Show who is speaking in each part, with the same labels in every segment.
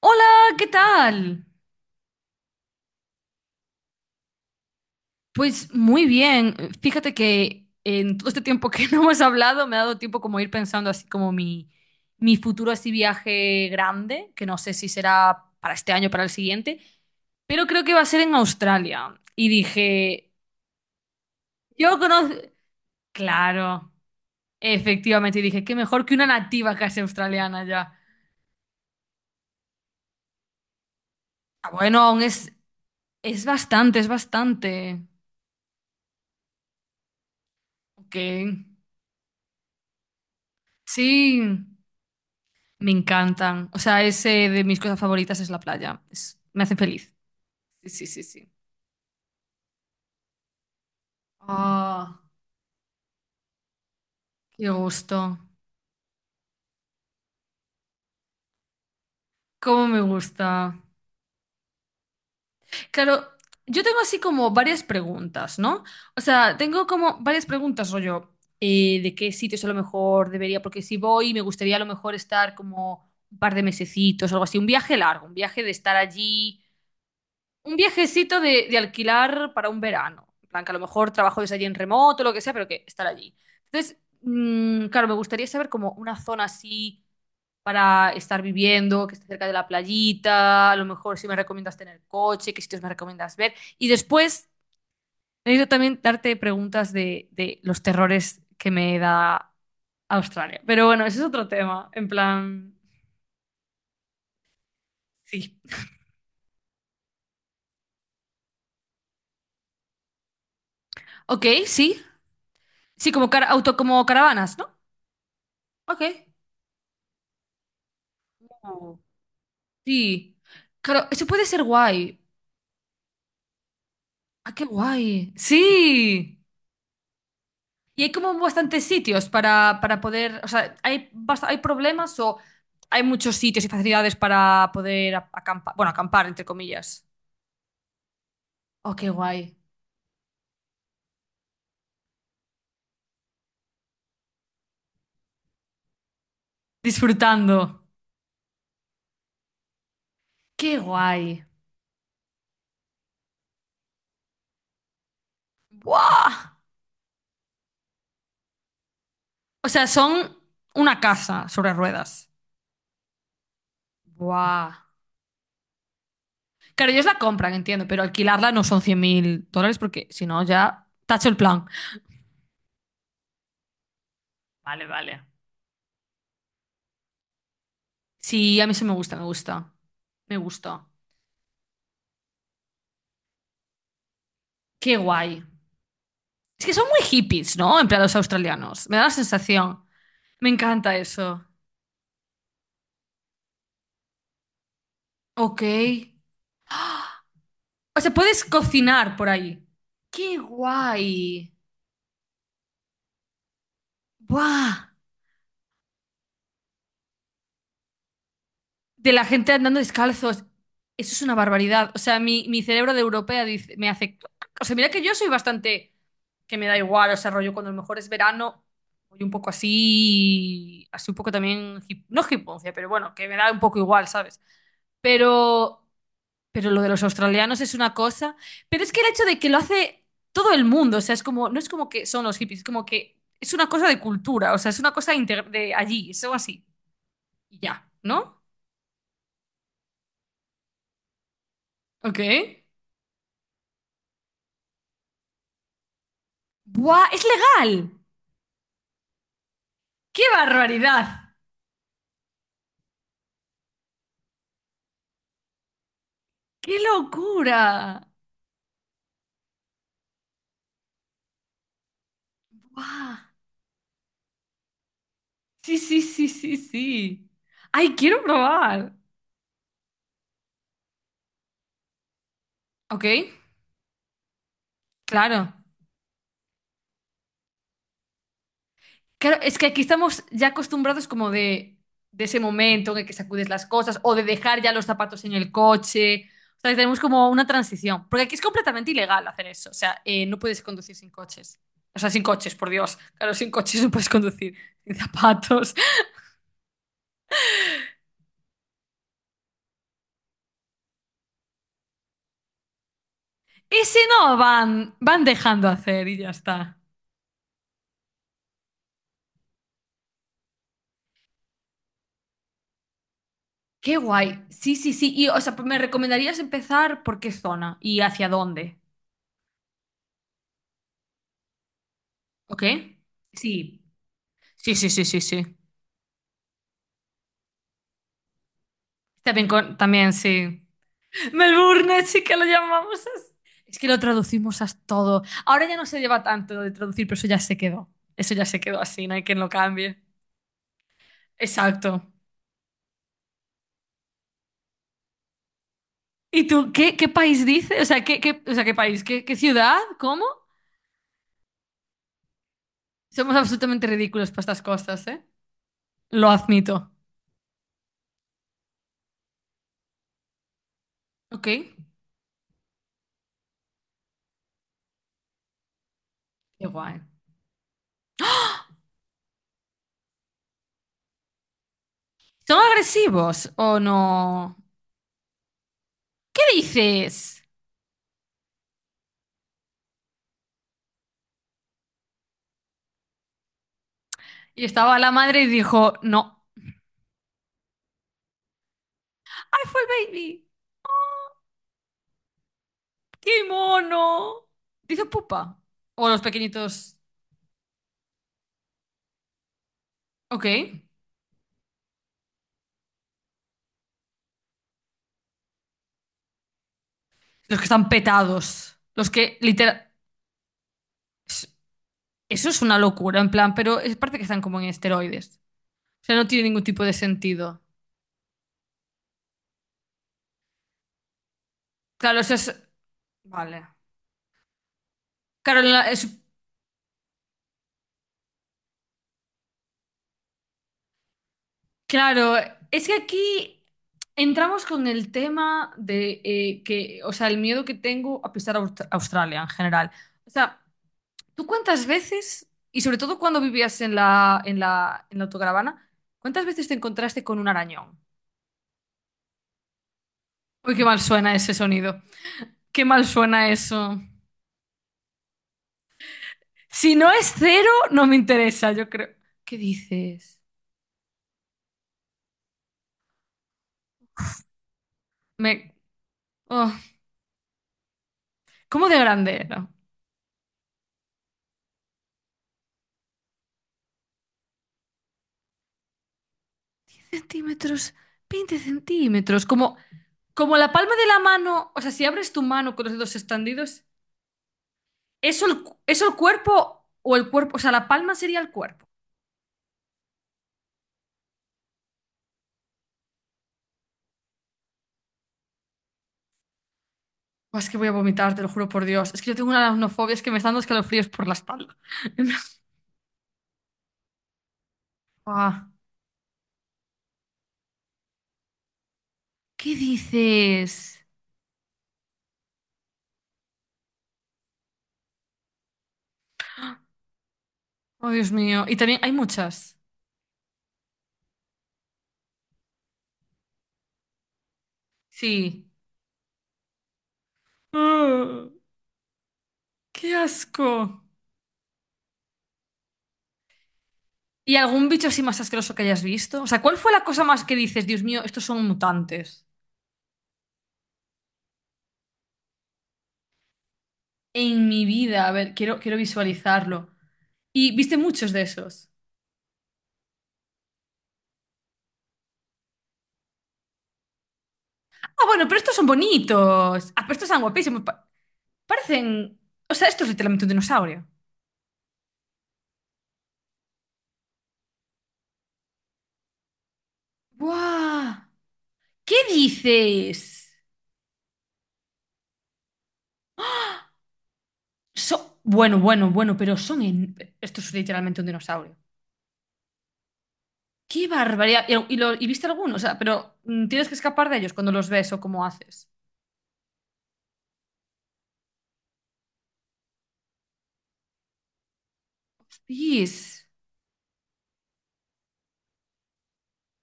Speaker 1: Hola, ¿qué tal? Pues muy bien. Fíjate que en todo este tiempo que no hemos hablado me ha dado tiempo como ir pensando así como mi futuro así viaje grande, que no sé si será para este año o para el siguiente, pero creo que va a ser en Australia. Y dije, yo conozco... Claro, efectivamente. Y dije, qué mejor que una nativa casi australiana ya. Ah, bueno, aún es bastante, es bastante. Ok. Sí. Me encantan. O sea, es de mis cosas favoritas es la playa. Me hace feliz. Sí, sí, sí, sí. Ah, qué gusto. Cómo me gusta. Claro, yo tengo así como varias preguntas, ¿no? O sea, tengo como varias preguntas, rollo, de qué sitios a lo mejor debería, porque si voy, me gustaría a lo mejor estar como un par de mesecitos, algo así, un viaje largo, un viaje de estar allí. Un viajecito de alquilar para un verano. En plan, que a lo mejor trabajo desde allí en remoto, lo que sea, pero que estar allí. Entonces, claro, me gustaría saber como una zona así para estar viviendo, que esté cerca de la playita, a lo mejor si me recomiendas tener coche, qué sitios me recomiendas ver. Y después, necesito también darte preguntas de los terrores que me da Australia. Pero bueno, ese es otro tema. En plan, sí. Ok, sí. Sí, como, auto, como caravanas, ¿no? Ok. Sí, claro, eso puede ser guay. Ah, qué guay. Sí. Y hay como bastantes sitios para poder, o sea, hay problemas o hay muchos sitios y facilidades para poder acampar, bueno, acampar, entre comillas. Oh, qué guay. Disfrutando. Qué guay. ¡Buah! O sea, son una casa sobre ruedas. ¡Buah! Claro, ellos la compran, entiendo, pero alquilarla no son 100.000 dólares porque si no, ya tacho el plan. Vale, vale. Sí, a mí eso me gusta, me gusta. Me gusta. Qué guay. Es que son muy hippies, ¿no? En plan, los australianos. Me da la sensación. Me encanta eso. Ok. O sea, puedes cocinar por ahí. Qué guay. ¡Buah! De la gente andando descalzos. Eso es una barbaridad. O sea, mi cerebro de europea dice, me hace... O sea, mira que yo soy bastante... que me da igual, o sea, rollo cuando a lo mejor es verano, voy un poco así, así un poco también, no hiponcia, pero bueno, que me da un poco igual, ¿sabes? Pero, pero lo de los australianos es una cosa, pero es que el hecho de que lo hace todo el mundo, o sea, es como, no es como que son los hippies, es como que es una cosa de cultura, o sea, es una cosa de allí, es algo así, y ya, ¿no? Ok. ¡Buah! ¡Es legal! ¡Qué barbaridad! ¡Qué locura! ¡Buah! Sí, sí, sí, sí, sí. ¡Ay, quiero probar! Ok, claro. Claro, es que aquí estamos ya acostumbrados como de ese momento en el que sacudes las cosas o de dejar ya los zapatos en el coche. O sea, que tenemos como una transición. Porque aquí es completamente ilegal hacer eso. O sea, no puedes conducir sin coches. O sea, sin coches, por Dios. Claro, sin coches no puedes conducir. Sin zapatos. Ese no van, van dejando hacer y ya está. Qué guay. Sí, sí, sí. Y, o sea, ¿me recomendarías empezar por qué zona y hacia dónde? ¿Ok? Sí. Sí, sí, sí, sí, sí. Está bien con- también, sí. Melbourne, sí que lo llamamos así. Es que lo traducimos a todo. Ahora ya no se lleva tanto lo de traducir, pero eso ya se quedó. Eso ya se quedó así, no hay quien lo cambie. Exacto. ¿Y tú qué, qué país dices? O sea, ¿qué, qué- o sea, ¿qué país? ¿Qué, qué ciudad? ¿Cómo? Somos absolutamente ridículos para estas cosas, ¿eh? Lo admito. Ok. Qué guay. ¿Son agresivos o no? ¿Qué dices? Y estaba la madre y dijo, no. ¡Ay, fue el baby! ¡Qué mono! Dice pupa. O los pequeñitos. Ok. Los que están petados. Los que literal. Es- eso es una locura, en plan, pero es parte que están como en esteroides. O sea, no tiene ningún tipo de sentido. Claro, eso es. Vale. Claro, en claro, es que aquí entramos con el tema de que, o sea, el miedo que tengo a pisar Australia en general. O sea, ¿tú cuántas veces, y sobre todo cuando vivías en la autocaravana, cuántas veces te encontraste con un arañón? Uy, qué mal suena ese sonido. Qué mal suena eso. Si no es cero, no me interesa, yo creo. ¿Qué dices? Me... oh, ¿cómo de grande era? 10 centímetros, 20 centímetros, como... Como la palma de la mano, o sea, si abres tu mano con los dedos extendidos, ¿es el, es el cuerpo? O sea, la palma sería el cuerpo. Buah, es que voy a vomitar, te lo juro por Dios. Es que yo tengo una aracnofobia, es que me están dando escalofríos por la espalda. Buah, ¿qué dices? Oh, Dios mío. Y también hay muchas. Sí. Ah, ¡qué asco! ¿Y algún bicho así más asqueroso que hayas visto? O sea, ¿cuál fue la cosa más que dices, Dios mío, estos son mutantes? En mi vida, a ver, quiero visualizarlo. Y viste muchos de esos. Ah, bueno, pero estos son bonitos. Ah, pero estos son guapísimos. Parecen. O sea, esto es literalmente un dinosaurio. ¡Guau! ¿Qué dices? Bueno, bueno, bueno, pero son. Esto es literalmente un dinosaurio. ¡Qué barbaridad! Y y viste algunos? O sea, pero tienes que escapar de ellos cuando los ves o cómo haces. Hostias.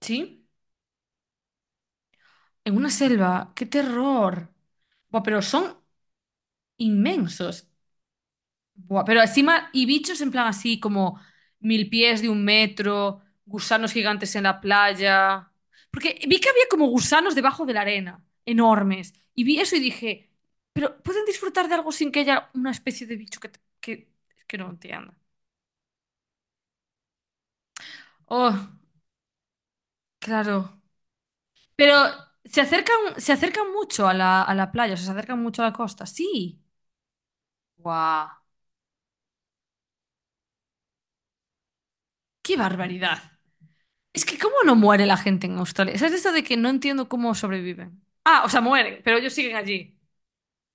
Speaker 1: ¿Sí? En una selva. ¡Qué terror! Buah, pero son inmensos. Buah, pero encima, y bichos en plan así como mil pies de un metro, gusanos gigantes en la playa. Porque vi que había como gusanos debajo de la arena, enormes. Y vi eso y dije, pero ¿pueden disfrutar de algo sin que haya una especie de bicho es que no entiendo? Oh, claro. Pero se acercan mucho a a la playa, o sea, se acercan mucho a la costa. Sí. Guau, qué barbaridad. Es que ¿cómo no muere la gente en Australia? ¿Sabes eso de que no entiendo cómo sobreviven? Ah, o sea, mueren, pero ellos siguen allí.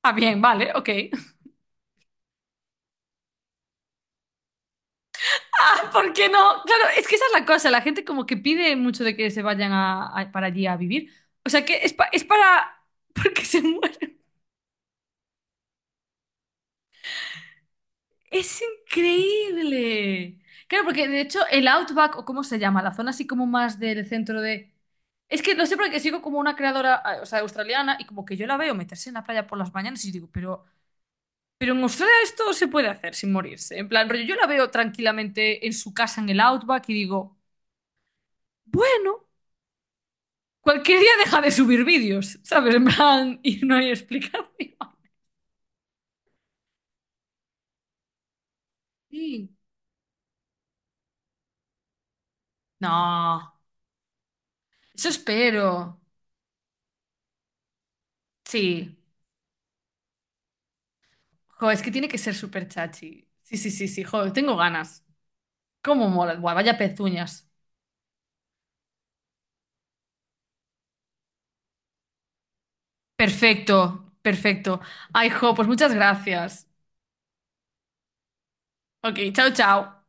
Speaker 1: Ah, bien, vale, ok. Ah, ¿por qué no? Claro, es que esa es la cosa. La gente como que pide mucho de que se vayan para allí a vivir. O sea, que es, es para... Porque se mueren. Es increíble. Claro, porque de hecho el Outback, o cómo se llama, la zona así como más del centro de... Es que lo sé porque sigo como una creadora, o sea, australiana, y como que yo la veo meterse en la playa por las mañanas y digo, pero en Australia esto se puede hacer sin morirse. En plan, rollo, yo la veo tranquilamente en su casa en el Outback y digo, bueno, cualquier día deja de subir vídeos, ¿sabes? En plan, y no hay explicación. Sí. No, eso espero. Sí. Jo, es que tiene que ser súper chachi. Sí, sí, sí, sí, joder, tengo ganas. ¿Cómo mola? Buah, vaya pezuñas. Perfecto, perfecto. Ay, jo, pues muchas gracias. Ok, chao, chao.